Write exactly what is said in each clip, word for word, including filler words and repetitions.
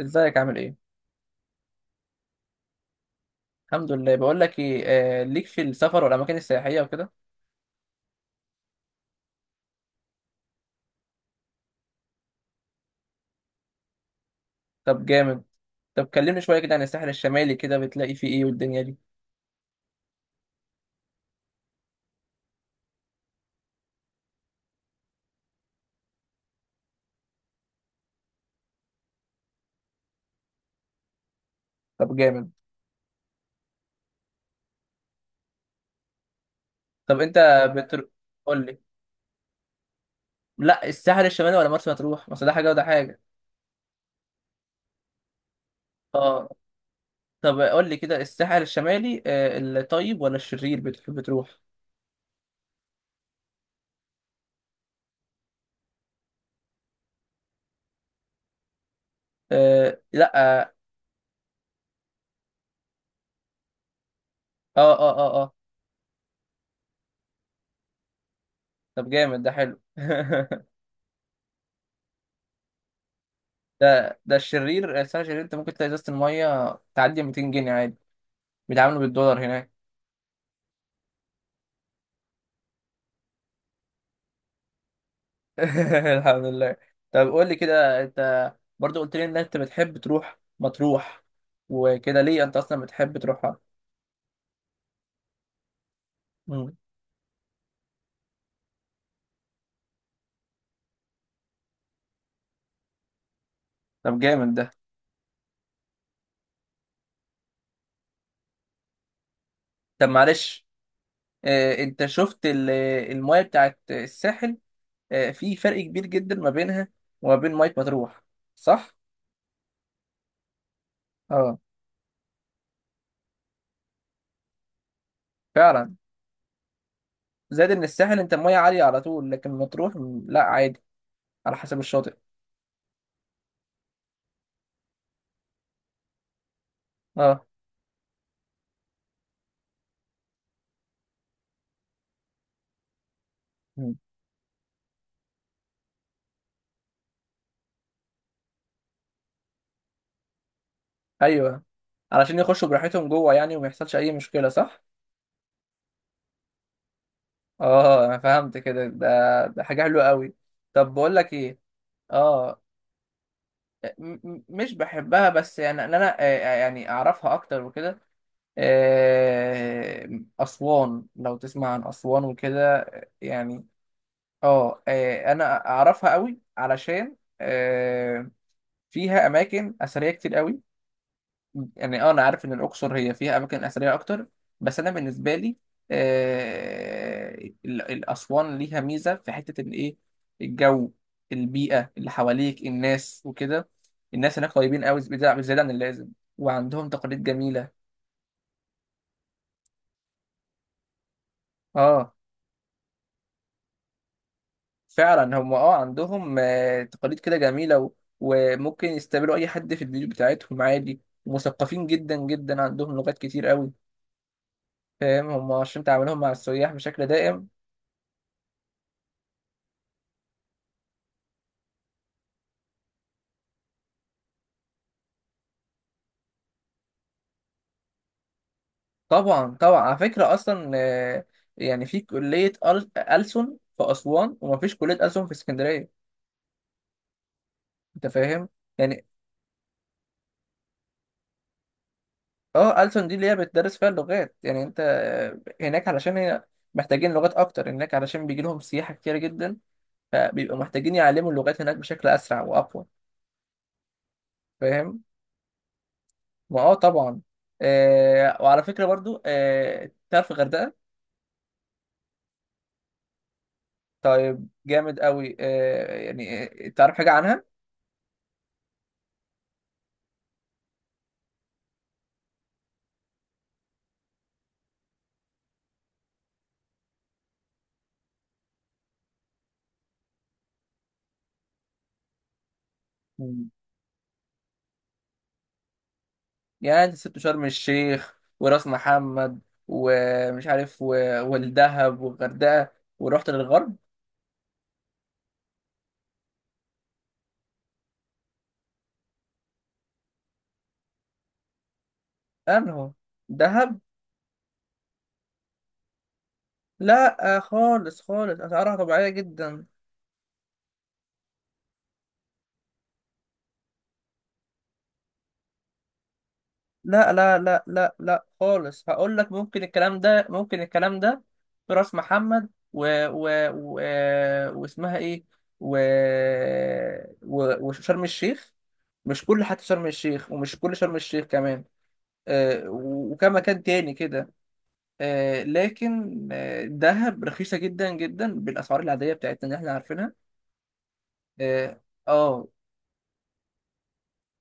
ازيك، عامل ايه؟ الحمد لله. بقول لك ايه؟ آه ليك في السفر والاماكن السياحيه وكده. طب جامد. طب كلمني شويه كده عن الساحل الشمالي، كده بتلاقي فيه ايه والدنيا دي؟ طب جامد. طب انت بتر... قول لي، لا الساحل الشمالي ولا مرسى مطروح، ما أصل ده حاجه وده حاجه. اه. طب قول لي كده، الساحل الشمالي آه الطيب ولا الشرير بتحب تروح؟ آه لا. اه اه اه اه اه. طب جامد، ده حلو. ده ده الشرير، الساحل الشرير، انت ممكن تلاقي ازازه الميه تعدي مئتين جنيه عادي. بيتعاملوا بالدولار هناك. الحمد لله. طب قول لي كده، انت برضو قلت لي ان انت بتحب تروح مطروح وكده، ليه انت اصلا بتحب تروحها؟ مم. طب جامد ده. طب معلش، اه انت شفت ال- المايه بتاعت الساحل؟ اه في فرق كبير جدا ما بينها وما بين ميه مطروح، صح؟ اه فعلا. زائد ان الساحل انت المايه عاليه على طول، لكن مطروح م- لا عادي، على حسب الشاطئ. اه. مم. ايوه، علشان يخشوا براحتهم جوه يعني وما يحصلش اي مشكله، صح؟ اه انا فهمت كده، ده ده حاجه حلوه قوي. طب بقول لك ايه، اه م- م- مش بحبها، بس يعني ان انا آه، آه، يعني اعرفها اكتر وكده. آه، اسوان، لو تسمع عن اسوان وكده، آه، يعني اه، آه، انا اعرفها قوي علشان آه، فيها اماكن اثريه كتير قوي. يعني اه انا عارف ان الاقصر هي فيها اماكن اثريه اكتر، بس انا بالنسبه لي آه ال- الاسوان ليها ميزه في حته ان ايه؟ الجو، البيئه اللي حواليك، الناس وكده. الناس هناك طيبين قوي زياده زيادة عن اللازم، وعندهم تقاليد جميله. اه فعلا، هم اه عندهم آه تقاليد كده جميله و... وممكن يستقبلوا اي حد في البيوت بتاعتهم عادي، ومثقفين جدا جدا، عندهم لغات كتير قوي. فاهم، هم عشان تعاملهم مع السياح بشكل دائم. طبعا طبعا، على فكرة أصلا آه، يعني في كلية أل- ألسن في أسوان ومفيش كلية ألسن في اسكندرية. أنت فاهم؟ يعني أه ألسن دي اللي هي بتدرس فيها اللغات. يعني أنت آه، هناك علشان هي محتاجين لغات أكتر هناك، علشان بيجي لهم سياحة كتير جدا، فبيبقوا محتاجين يعلموا اللغات هناك بشكل أسرع وأقوى. فاهم؟ ما أه طبعا. آه، وعلى فكرة برضو، آه، تعرف الغردقة؟ طيب جامد قوي. آه، يعني آه، تعرف حاجة عنها؟ يعني انت سبت شرم الشيخ وراس محمد ومش عارف و... والدهب والغردقه، ورحت للغرب. انهو؟ دهب؟ لا آه، خالص خالص، اسعارها طبيعيه جدا. لا لا لا لا لا خالص، هقول لك، ممكن الكلام ده، ممكن الكلام ده في راس محمد و... و... و... واسمها ايه و... و... وشرم الشيخ. مش كل حتى شرم الشيخ، ومش كل شرم الشيخ كمان، آه، وكم مكان تاني كده. آه، لكن آه، الذهب رخيصة جدا جدا بالأسعار العادية بتاعتنا اللي احنا عارفينها. اه. آه،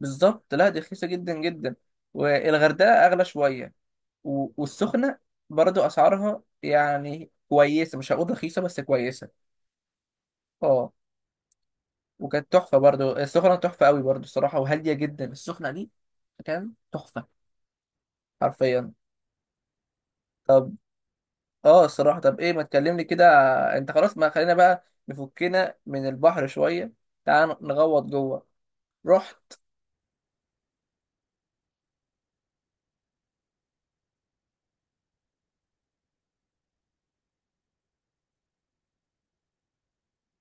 بالظبط، لا دي رخيصة جدا جدا. والغردقة أغلى شوية، و- والسخنة برضو أسعارها يعني كويسة، مش هقول رخيصة بس كويسة. اه. وكانت تحفة برضو السخنة، تحفة قوي برضو الصراحة، وهادية جدا السخنة دي. كان تحفة حرفيا. طب اه الصراحه، طب ايه ما تكلمني كده، انت خلاص، ما خلينا بقى نفكنا من البحر شويه، تعال نغوط جوه. رحت.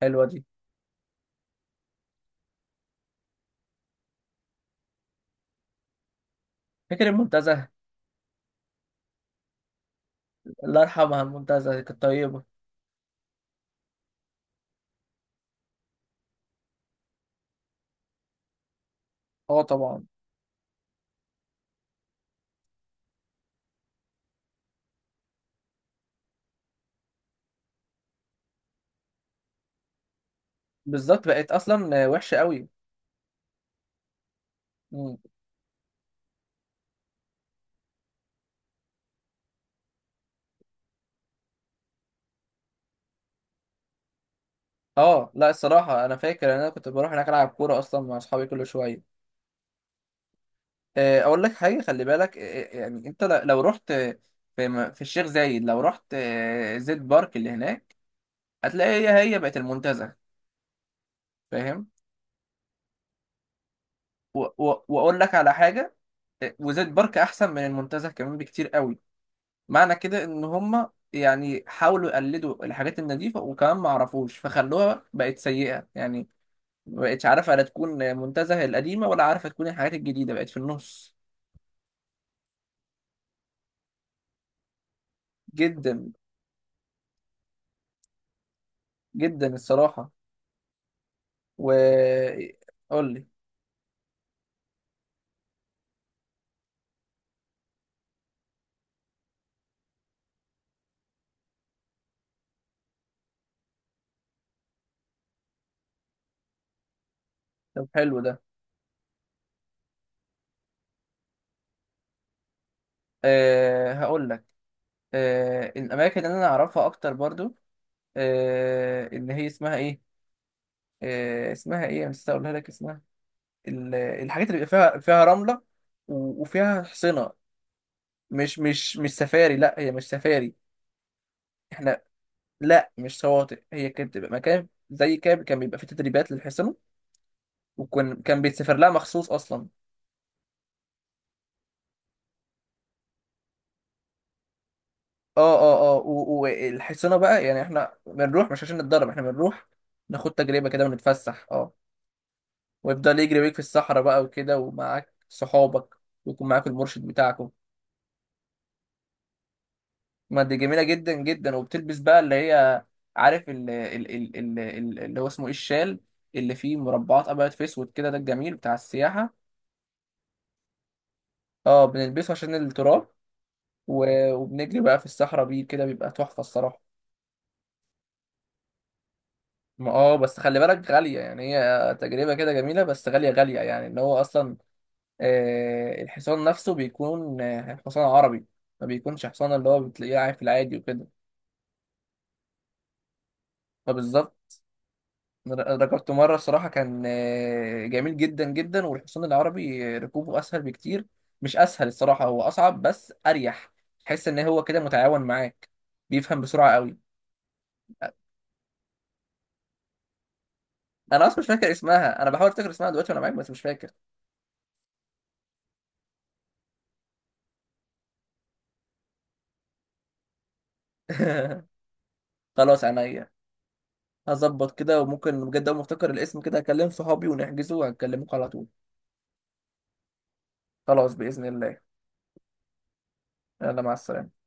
حلوه دي. فاكر المنتزه؟ الله يرحمها، المنتزه دي كانت طيبه. اه طبعا. بالظبط، بقت اصلا وحشه قوي. مم. اه لا الصراحه، انا فاكر ان انا كنت بروح هناك العب كوره اصلا مع اصحابي كل شويه. آه، اقول لك حاجه، خلي بالك، آه، آه، يعني انت ل- لو رحت آه، في م- في الشيخ زايد، لو رحت آه، زيت بارك اللي هناك، هتلاقي هي هي بقت المنتزه. فاهم. و- و- واقول لك على حاجه، وزيت بارك احسن من المنتزه كمان بكتير قوي. معنى كده ان هم يعني حاولوا يقلدوا الحاجات النظيفه، وكمان ما عرفوش فخلوها بقت سيئه يعني، ما بقتش عارفه لا تكون منتزه القديمه، ولا عارفه تكون الحاجات الجديده، بقت في النص. جدا جدا الصراحه. و قول لي. طب حلو ده. أه هقول لك. أه الاماكن اللي انا اعرفها اكتر برضو، أه اللي هي اسمها ايه، أه اسمها ايه، مش هقولها لك اسمها. ال- الحاجات اللي بيبقى فيها فيها رملة، و- وفيها حصينة. مش مش مش سفاري، لا هي مش سفاري. احنا، لا مش شواطئ، هي كانت بتبقى مكان زي كده كان بيبقى فيه تدريبات للحصنة، وكان كان بيتسافر لها مخصوص اصلا. اه اه اه، و- والحصنة بقى يعني احنا بنروح مش عشان نتدرب، احنا بنروح ناخد تجربة كده ونتفسح. اه. ويفضل يجري بيك في الصحراء بقى وكده ومعاك صحابك، ويكون معاك المرشد بتاعك. ما دي جميله جدا جدا، وبتلبس بقى اللي هي، عارف، ال ال ال ال ال- اللي هو اسمه ايه، الشال، اللي فيه مربعات ابيض في اسود كده، ده الجميل بتاع السياحه. اه، بنلبسه عشان التراب، و- وبنجري بقى في الصحراء بيه كده، بيبقى تحفه الصراحه. ما اه بس خلي بالك غاليه، يعني هي تجربه كده جميله بس غاليه غاليه، يعني ان هو اصلا آه، الحصان نفسه بيكون آه، حصان عربي، ما بيكونش حصان اللي هو بتلاقيه عارف العادي وكده. فبالظبط. ركبت مرة الصراحة، كان آه، جميل جدا جدا، والحصان العربي آه، ركوبه أسهل بكتير. مش أسهل الصراحة، هو أصعب بس أريح. تحس إن هو كده متعاون معاك، بيفهم بسرعة قوي. أنا أصلا مش فاكر اسمها، أنا بحاول أفتكر اسمها دلوقتي وأنا معاك بس مش فاكر. خلاص عينيا، هظبط كده، وممكن بجد أول ما أفتكر الاسم كده أكلم صحابي ونحجزه وهكلمكم على طول. خلاص بإذن الله. يلا مع السلامة.